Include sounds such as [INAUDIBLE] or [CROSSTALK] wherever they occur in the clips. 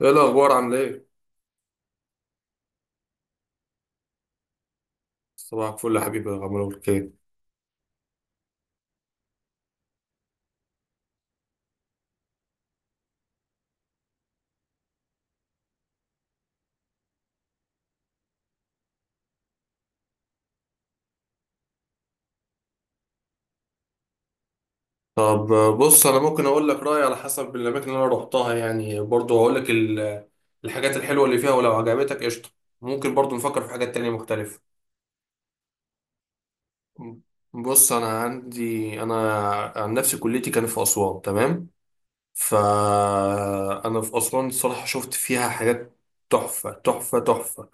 ايه الاخبار؟ عامله ايه؟ صباح الفل يا حبيبي يا غمر خير. طب بص انا ممكن اقول لك رايي على حسب الاماكن اللي انا روحتها، يعني برضو هقول لك الحاجات الحلوه اللي فيها، ولو عجبتك قشطه. ممكن برضو نفكر في حاجات تانية مختلفه. بص انا عندي، انا عن نفسي كليتي كانت في اسوان، تمام؟ فانا في اسوان الصراحه شفت فيها حاجات تحفه تحفه تحفه.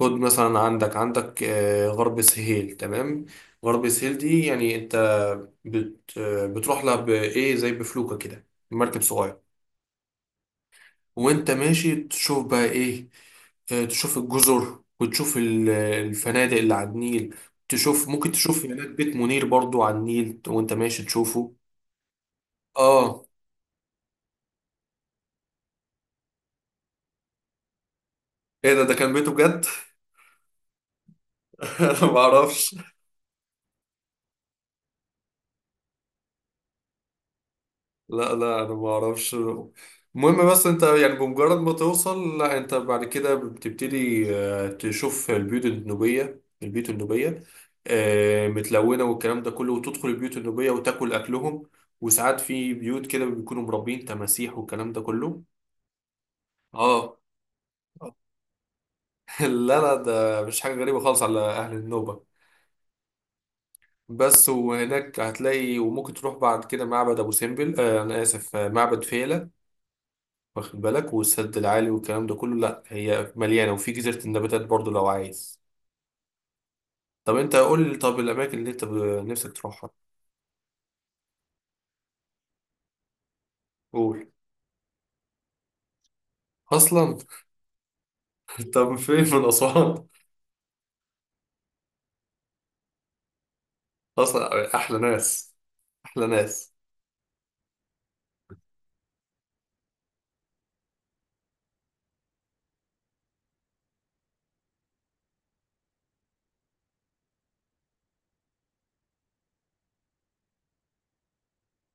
خد مثلا عندك، عندك غرب سهيل، تمام؟ غرب سهيل دي يعني انت بت آه، بتروح لها بايه، زي بفلوكة كده، مركب صغير. وانت ماشي تشوف بقى ايه؟ تشوف الجزر وتشوف الفنادق اللي على النيل. تشوف، ممكن تشوف هناك بيت منير برضو على النيل وانت ماشي تشوفه. اه. ايه ده؟ ده كان بيته بجد؟ [LAUGHS] انا ما اعرفش. لا لا انا ما اعرفش. المهم بس انت يعني بمجرد ما توصل، لا انت بعد كده بتبتدي تشوف البيوت النوبية، البيوت النوبية متلونة والكلام ده كله، وتدخل البيوت النوبية وتاكل اكلهم. وساعات في بيوت كده بيكونوا مربين تماسيح والكلام ده كله. اه. [LAUGHS] لا لا، ده مش حاجة غريبة خالص على اهل النوبة. بس وهناك هتلاقي، وممكن تروح بعد كده معبد ابو سمبل، انا اسف، معبد فيلة، واخد بالك، والسد العالي والكلام ده كله. لا هي مليانه، وفي جزيره النباتات برضو لو عايز. طب انت قول لي، طب الاماكن اللي انت نفسك تروحها. قول. اصلا؟ [LAUGHS] طب فين من اسوان؟ اصلا احلى ناس. احلى ناس.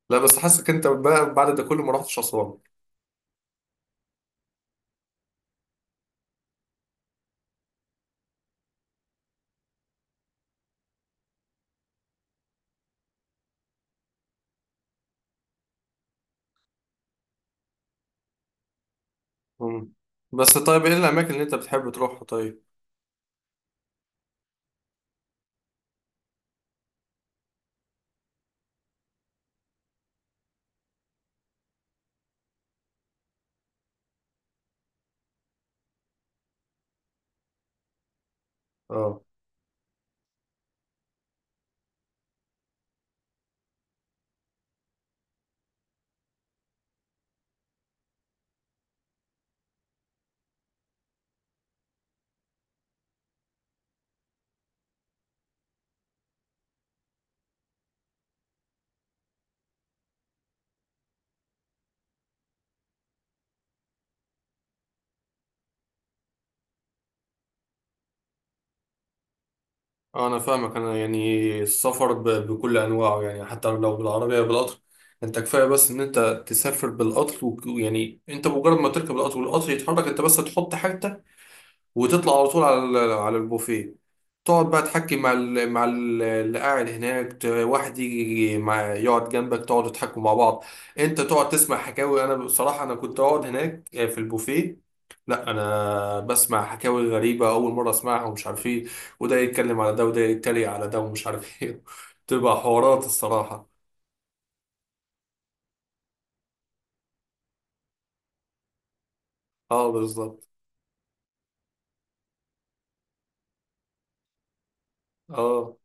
لا بس حاسك انت بقى بعد ده كله ما رحتش اسوان. مم. بس طيب ايه الاماكن اللي انت بتحب تروحها طيب؟ اه. اه انا فاهمك. انا يعني السفر بكل انواعه، يعني حتى لو بالعربيه، بالقطر. انت كفايه بس ان انت تسافر بالقطر ويعني انت مجرد ما تركب القطر والقطر يتحرك، انت بس تحط حاجتك وتطلع على طول على على البوفيه. تقعد بقى تحكي مع اللي قاعد هناك، واحد يجي، مع، يقعد جنبك، تقعدوا تحكوا مع بعض. انت تقعد تسمع حكاوي. انا بصراحة انا كنت اقعد هناك في البوفيه. لا انا بسمع حكاوي غريبة اول مرة اسمعها ومش عارف ايه، وده يتكلم على ده وده يتريق على ده ومش عارف ايه. [LAUGHS] تبقى حوارات الصراحة. اه بالظبط. اه.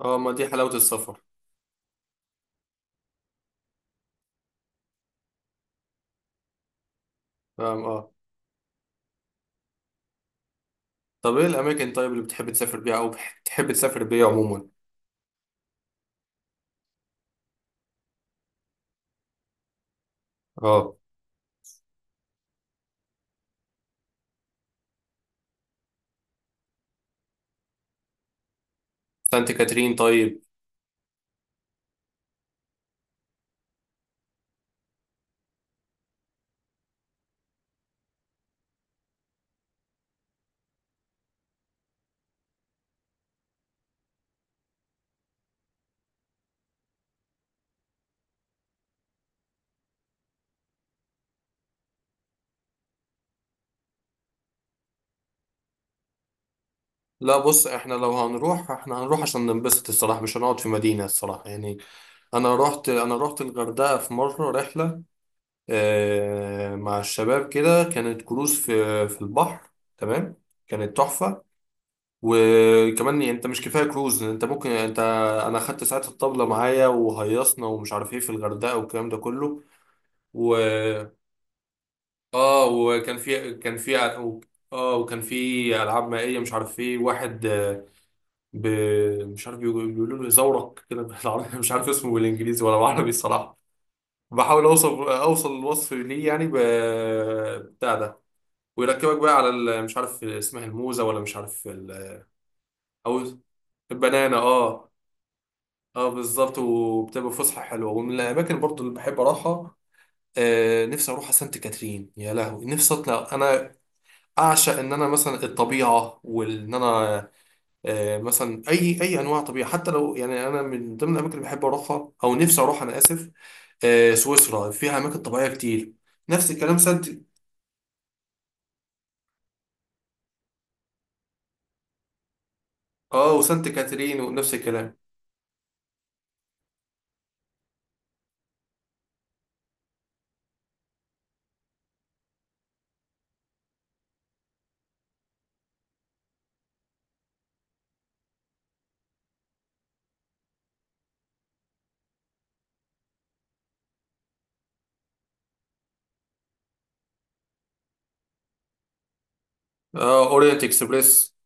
اه ما دي حلاوة السفر. فاهم. اه. طب ايه الاماكن طيب اللي بتحب تسافر بيها، او بتحب تسافر بيها عموما؟ اه. سانت كاترين طيب. لا بص، احنا لو هنروح احنا هنروح عشان ننبسط الصراحه، مش هنقعد في مدينه الصراحه يعني. انا رحت، انا رحت الغردقه في مره رحله. اه مع الشباب كده، كانت كروز في في البحر، تمام؟ كانت تحفه. وكمان يعني انت مش كفايه كروز، انت ممكن انت، انا خدت ساعات الطبله معايا وهيصنا ومش عارف ايه في الغردقه والكلام ده كله. و، اه وكان في، كان في، اه وكان في العاب مائيه، مش عارف ايه، واحد ب... مش عارف، بيقولوا له زورق كده بالعربي، [LAUGHS] مش عارف اسمه بالانجليزي ولا بالعربي الصراحه. بحاول اوصف، اوصل الوصف ليه، يعني بتاع ده، ويركبك بقى على مش عارف اسمها الموزه، ولا مش عارف او البنانه. اه. اه بالظبط، وبتبقى فسحه حلوه. ومن الاماكن برضو اللي بحب اروحها، آه نفسي اروح سانت كاترين، يا لهوي نفسي اطلع انا، اعشق ان انا مثلا الطبيعه، وان انا مثلا اي انواع طبيعه. حتى لو يعني انا من ضمن الاماكن اللي بحب اروحها او نفسي اروح، انا اسف، سويسرا فيها اماكن طبيعيه كتير. نفس الكلام سانت، اه وسانت كاترين ونفس الكلام. اه اورينت اكسبريس.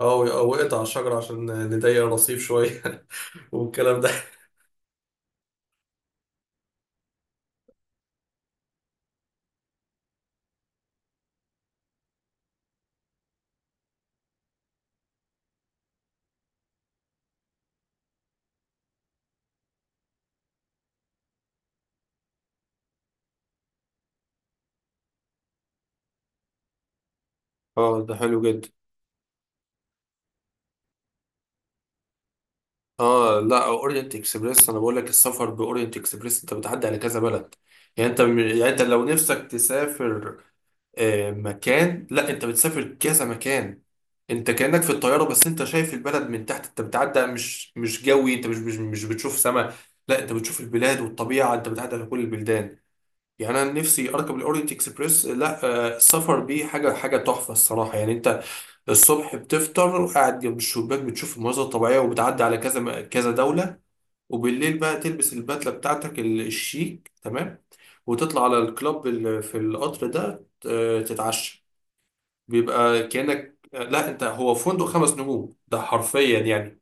اه وقعت على الشجره عشان نضيق الرصيف شويه. [LAUGHS] والكلام ده. اه ده حلو جدا. اه لا اورينت اكسبريس، انا بقول لك السفر باورينت اكسبريس انت بتعدي على كذا بلد. يعني انت، يعني انت لو نفسك تسافر مكان، لا انت بتسافر كذا مكان. انت كأنك في الطيارة بس انت شايف البلد من تحت، انت بتعدي، مش مش جوي، انت مش بتشوف سما، لا انت بتشوف البلاد والطبيعة، انت بتعدي على كل البلدان. يعني انا نفسي اركب الاورينت اكسبريس، لا السفر بيه حاجة، حاجة تحفة الصراحة. يعني انت الصبح بتفطر وقاعد جنب الشباك بتشوف المناظر الطبيعية وبتعدي على كذا كذا دولة، وبالليل بقى تلبس البدلة بتاعتك الشيك، تمام، وتطلع على الكلاب اللي في القطر ده تتعشى. بيبقى كأنك، لا انت هو فندق خمس نجوم ده حرفيا يعني.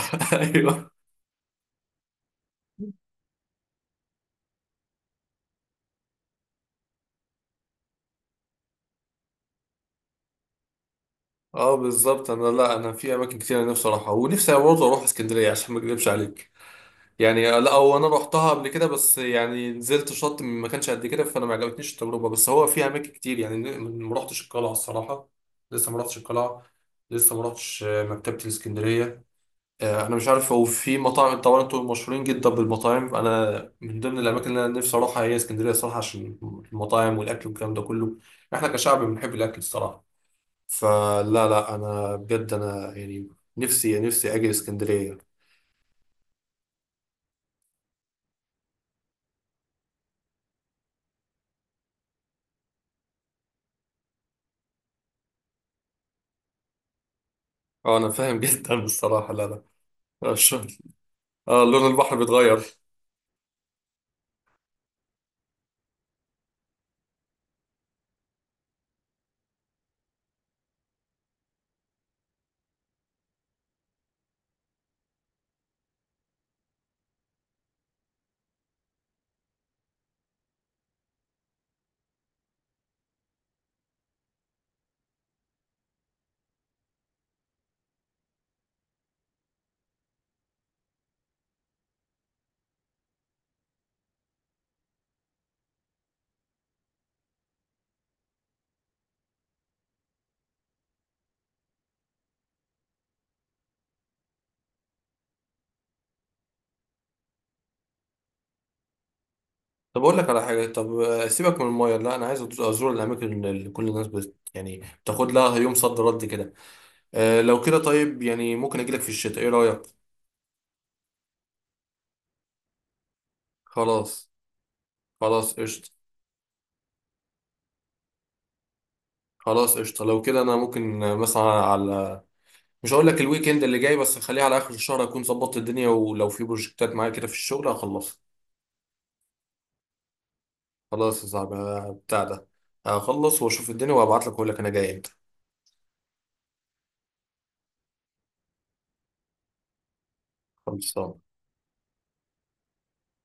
[LAUGHS] ايوه. اه بالظبط. انا لا، انا في اماكن كتير أنا نفسي اروحها، ونفسي برضه اروح اسكندرية عشان ما اكذبش عليك. يعني لا هو انا رحتها قبل كده، بس يعني نزلت شط ما كانش قد كده، فانا ما عجبتنيش التجربه. بس هو فيها اماكن كتير يعني، ما رحتش القلعه الصراحه، لسه ما رحتش القلعه، لسه ما رحتش مكتبه الاسكندريه، انا مش عارف، هو في مطاعم طبعا، انتوا مشهورين جدا بالمطاعم. انا من ضمن الاماكن اللي انا نفسي اروحها هي اسكندريه صراحه، عشان المطاعم والاكل والكلام ده كله. احنا كشعب بنحب الاكل الصراحه. فلا لا انا بجد انا يعني نفسي، نفسي اجي اسكندريه. اه انا فاهم [LAUGHS] جدا الصراحه. لا. لا. [LAUGHS] اه لون البحر بيتغير. طب اقول لك على حاجه، طب سيبك من المايه، لا انا عايز ازور الاماكن اللي كل الناس يعني بتاخد لها يوم صد رد كده. آه لو كده طيب، يعني ممكن اجي لك في الشتاء، ايه رايك؟ خلاص. خلاص قشطه. خلاص قشطه، لو كده انا ممكن مثلا على، مش هقول لك الويكند اللي جاي بس، خليها على اخر الشهر، اكون ظبطت الدنيا، ولو في بروجكتات معايا كده في الشغل هخلصها. خلاص يا صاحبي، بتاع ده، هخلص واشوف الدنيا وابعت لك واقول لك انا جاي امتى. خلصان.